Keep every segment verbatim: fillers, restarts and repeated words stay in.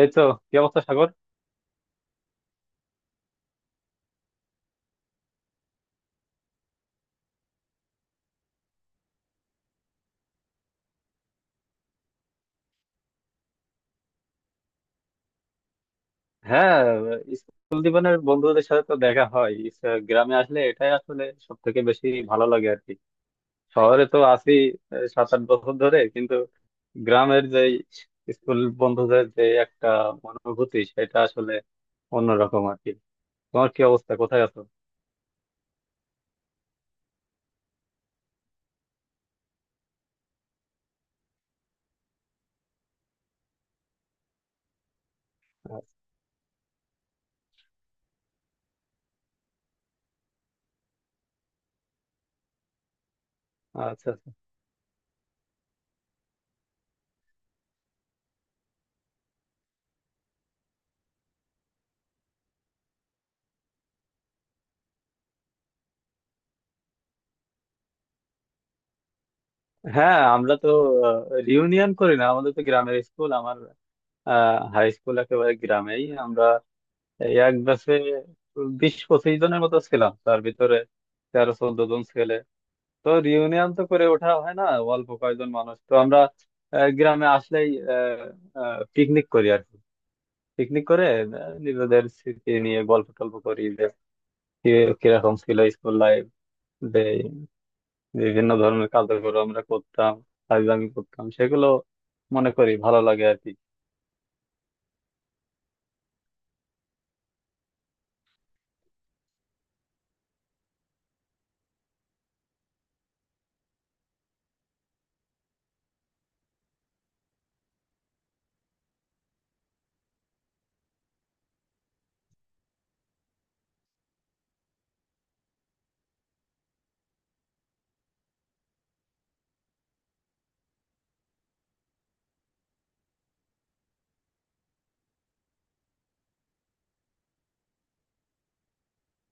এই তো। কি অবস্থা, সাগর? হ্যাঁ, স্কুল জীবনের বন্ধুদের সাথে তো দেখা হয়। ইস, গ্রামে আসলে এটাই আসলে সব থেকে বেশি ভালো লাগে আর কি। শহরে তো আছি আহ, সাত আট বছর ধরে, কিন্তু গ্রামের যে স্কুল বন্ধুদের যে একটা অনুভূতি সেটা আসলে অন্যরকম আর কি। তোমার কি অবস্থা, কোথায় আছো? আচ্ছা আচ্ছা। হ্যাঁ, আমরা তো রিউনিয়ন করি না, আমাদের তো গ্রামের স্কুল। আমার হাই স্কুল একেবারে গ্রামেই। আমরা এই এক ব্যাচে বিশ পঁচিশ জনের মতো ছিলাম, তার ভিতরে তেরো চোদ্দ জন ছেলে। তো রিউনিয়ন তো করে ওঠা হয় না, অল্প কয়েকজন মানুষ তো আমরা। আহ, গ্রামে আসলেই পিকনিক করি আর কি। পিকনিক করে আহ, নিজেদের স্মৃতি নিয়ে গল্প টল্প করি যে কি- কিরকম ছিল স্কুল লাইফ, যে বিভিন্ন ধরনের কার্যক্রম আমরা করতাম, ফাইজলামি করতাম, সেগুলো মনে করি ভালো লাগে আর কি।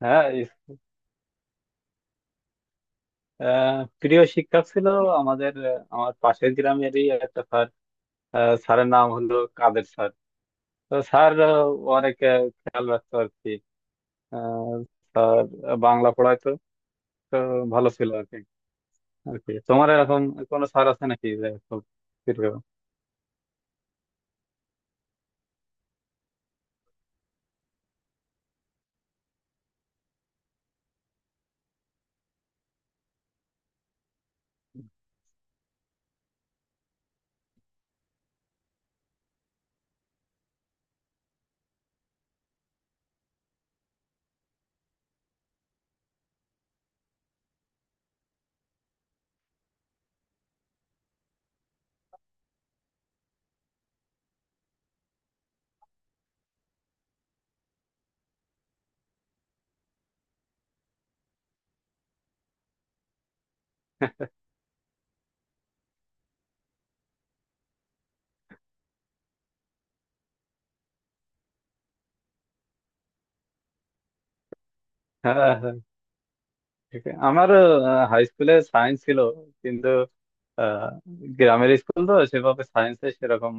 হ্যাঁ। ইস- আহ, প্রিয় শিক্ষক ছিল আমাদের। আহ, আমার পাশের গ্রামেরই একটা স্যার। আহ, স্যারের নাম হলো কাদের স্যার। তো স্যার আহ, অনেক আহ, খেয়াল রাখতো আর কি। আহ, বাংলা পড়াইতো। তো ভালো ছিল আর কি। আর কি তোমার এরকম কোনো স্যার আছে নাকি যে খুব প্রিয়? হ্যাঁ হ্যাঁ হ্যাঁ, ঠিক আছে। আমার হাই স্কুলে সায়েন্স ছিল, কিন্তু আহ, গ্রামের স্কুল তো সেভাবে সায়েন্সে সেরকম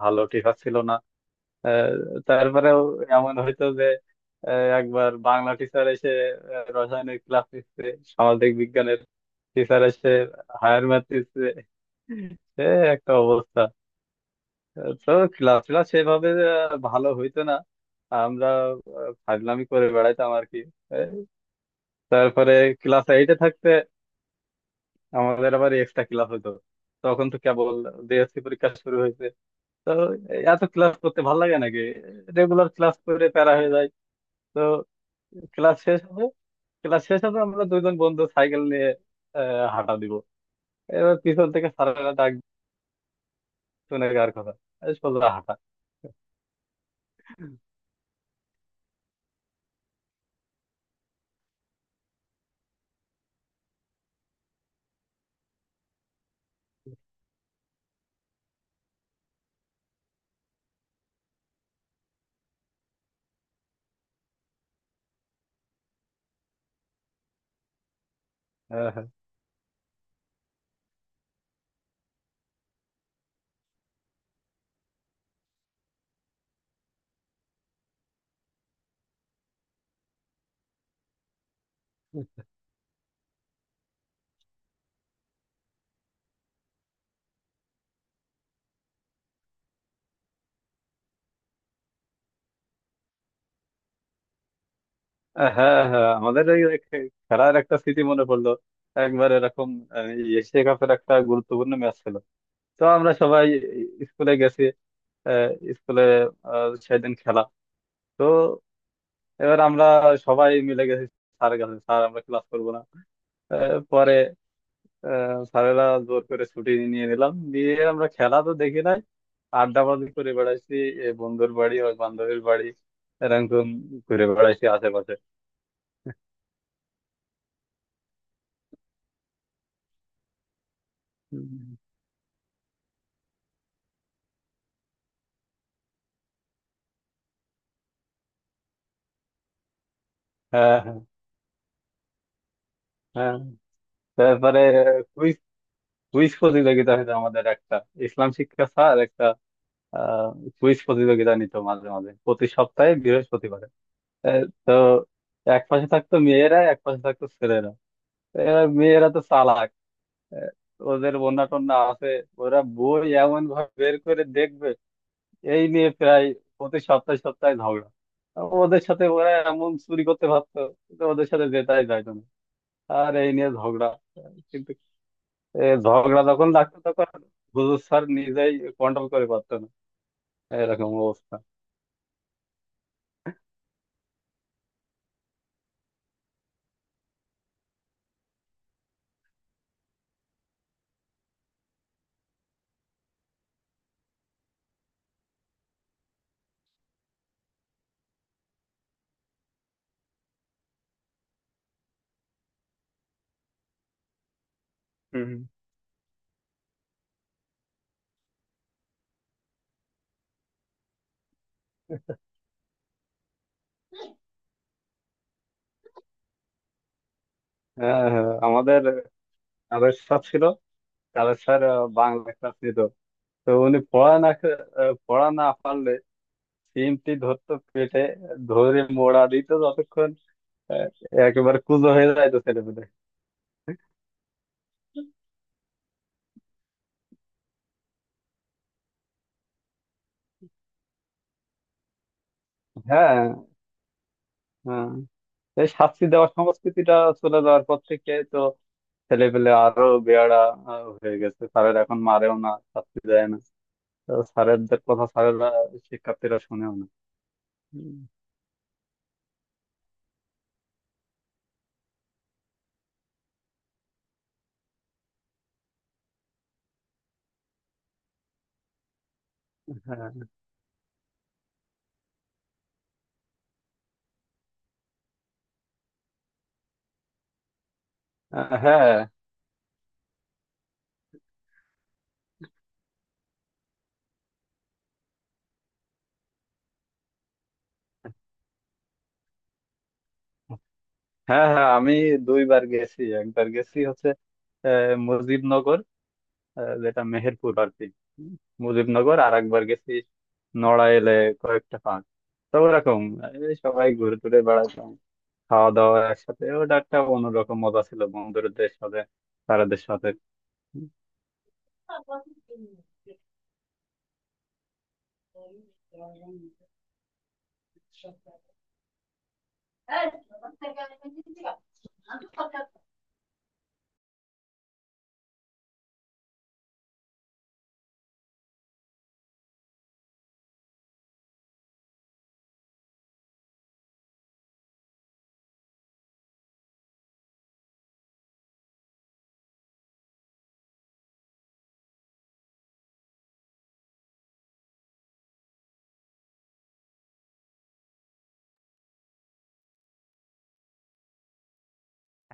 ভালো টিচার ছিল না। আহ, তারপরেও এমন হইতো যে আহ, একবার বাংলা টিচার এসে আহ, রসায়নের ক্লাস নিচ্ছে, সামাজিক বিজ্ঞানের টিচার এসে হায়ার ম্যাথ দিচ্ছে। সে একটা অবস্থা। তো ক্লাস ক্লাস সেভাবে আহ, ভালো হইতো না। আমরা আহ, ফাজলামি করে বেড়াইতাম আর কি। আহ, তারপরে ক্লাস এইটে থাকতে আমাদের আবার এক্সট্রা ক্লাস হতো। তখন তো কেবল ডিএসসি পরীক্ষা শুরু হয়েছে। তো এত ক্লাস করতে ভালো লাগে নাকি, রেগুলার ক্লাস করে প্যারা হয়ে যায়। তো ক্লাস শেষ হবে, ক্লাস শেষ হবে আমরা দুজন বন্ধু সাইকেল নিয়ে আহ, হাঁটা দিব। এবার পিছন থেকে স্যারেরা ডাক শুনে কার কথা, এই সোজা হাঁটা। হ্যাঁ হ্যাঁ। আহ, হ্যাঁ হ্যাঁ, আমাদের এই এক- খেলার একটা স্মৃতি মনে পড়লো। একবার এরকম আহ, এশিয়া কাপের একটা গুরুত্বপূর্ণ ম্যাচ ছিল। তো আমরা সবাই স্কুলে গেছি। আহ, স্কুলে আহ, সেদিন খেলা। তো এবার আমরা সবাই মিলে গেছি স্যারের কাছে, স্যার আমরা ক্লাস করবো না। আহ, পরে স্যারেরা জোর করে ছুটি নিয়ে নিলাম দিয়ে, আমরা খেলা তো দেখি নাই, আড্ডাবাজি করে বেড়াইছি। এ বন্ধুর বাড়ি, ওই বান্ধবীর বাড়ি এরকম ঘুরে বেড়াইছি আশেপাশে। হুম। হ্যাঁ হ্যাঁ হ্যাঁ। তারপরে কুইজ, কুইজ প্রতিযোগিতা হতো আমাদের একটা। ইসলাম শিক্ষা স্যার একটা আহ কুইজ প্রতিযোগিতা নিত মাঝে মাঝে, প্রতি সপ্তাহে বৃহস্পতিবারে। আহ, তো এক পাশে থাকতো মেয়েরা, এক পাশে থাকতো ছেলেরা। এবার মেয়েরা তো চালাক। আহ, ওদের বন্যা টন্যা আছে, ওরা বই এমন ভাবে বের করে দেখবে। এই নিয়ে প্রায় প্রতি সপ্তাহে সপ্তাহে ঝগড়া। আর ওদের সাথে ওরা এমন চুরি করতে পারতো, কিন্তু ওদের সাথে জেতাই যাইতো না, আর এই নিয়ে ঝগড়া। কিন্তু এ ঝগড়া যখন লাগতো তখন হুজুর স্যার নিজেই কন্ট্রোল করে পারতো না, এরকম অবস্থা। হুম হুম। হ্যাঁ, হ্যাঁ, আমাদের কাদের স্যার ছিল। কাদের স্যার আহ, বাংলা ক্লাস নিত। তো উনি পড়া না খে- আহ, পড়া না পারলে সিমটি ধরতো পেটে, ধরে মোড়া দিত যতক্ষণ আহ, একেবারে কুঁজো হয়ে যাইতো ছেলেপেলে। হ্যাঁ হ্যাঁ। এই শাস্তি দেওয়ার সংস্কৃতিটা চলে যাওয়ার পর থেকে তো ছেলেপেলে আরো বেয়াড়া আহ, হয়ে গেছে। স্যারের এখন মারেও না, শাস্তি দেয় না। তো স্যারেদের কথা স্যারেরা, শিক্ষার্থীরা শুনেও না। উম, হ্যাঁ। আহ, হ্যাঁ হ্যাঁ হ্যাঁ, আমি দুইবার গেছি। একবার গেছি হচ্ছে আহ, মুজিবনগর, আহ, যেটা মেহেরপুর আর কি। হুম, মুজিবনগর। আর একবার গেছি নড়াইলে, কয়েকটা পার্ক। তো ওরকম এই সবাই ঘুরে টুরে বেড়াতাম, খাওয়া দাওয়া একসাথে, ওটা একটা অন্যরকম মজা ছিল বন্ধুদের সাথে, স্যারদের সাথে।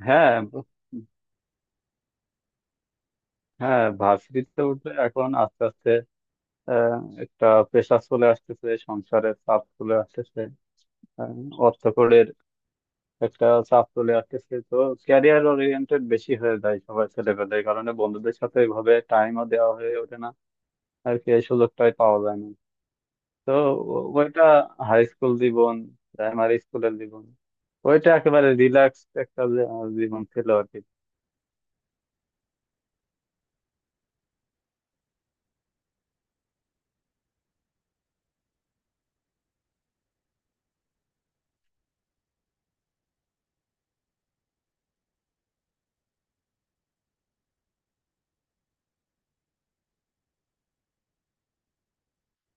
হ্যাঁ ব- হ্যাঁ, ভার্সিটিতে উঠলে এখন আস্তে আস্তে আহ, একটা প্রেশার চলে আসতেছে, সংসারের চাপ চলে আসতেছে, আহ, অর্থকড়ির একটা চাপ চলে আসতেছে। তো ক্যারিয়ার ওরিয়েন্টেড বেশি হয়ে যায় সবার ছেলেপেলে, এই কারণে বন্ধুদের সাথে ওইভাবে টাইমও দেওয়া হয়ে ওঠে না, আর কি এই সুযোগটাই পাওয়া যায় না। তো ও- ওইটা হাই স্কুল জীবন, প্রাইমারি স্কুলের জীবন, ওইটা একেবারে রিল্যাক্স একটা যে- আহ, জীবন ছিল আর কি।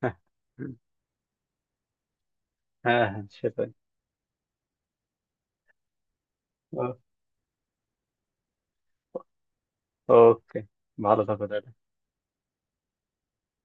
হ্যাঁ হ্যাঁ, সেটাই। ওকে, ভালো থাকো তাহলে।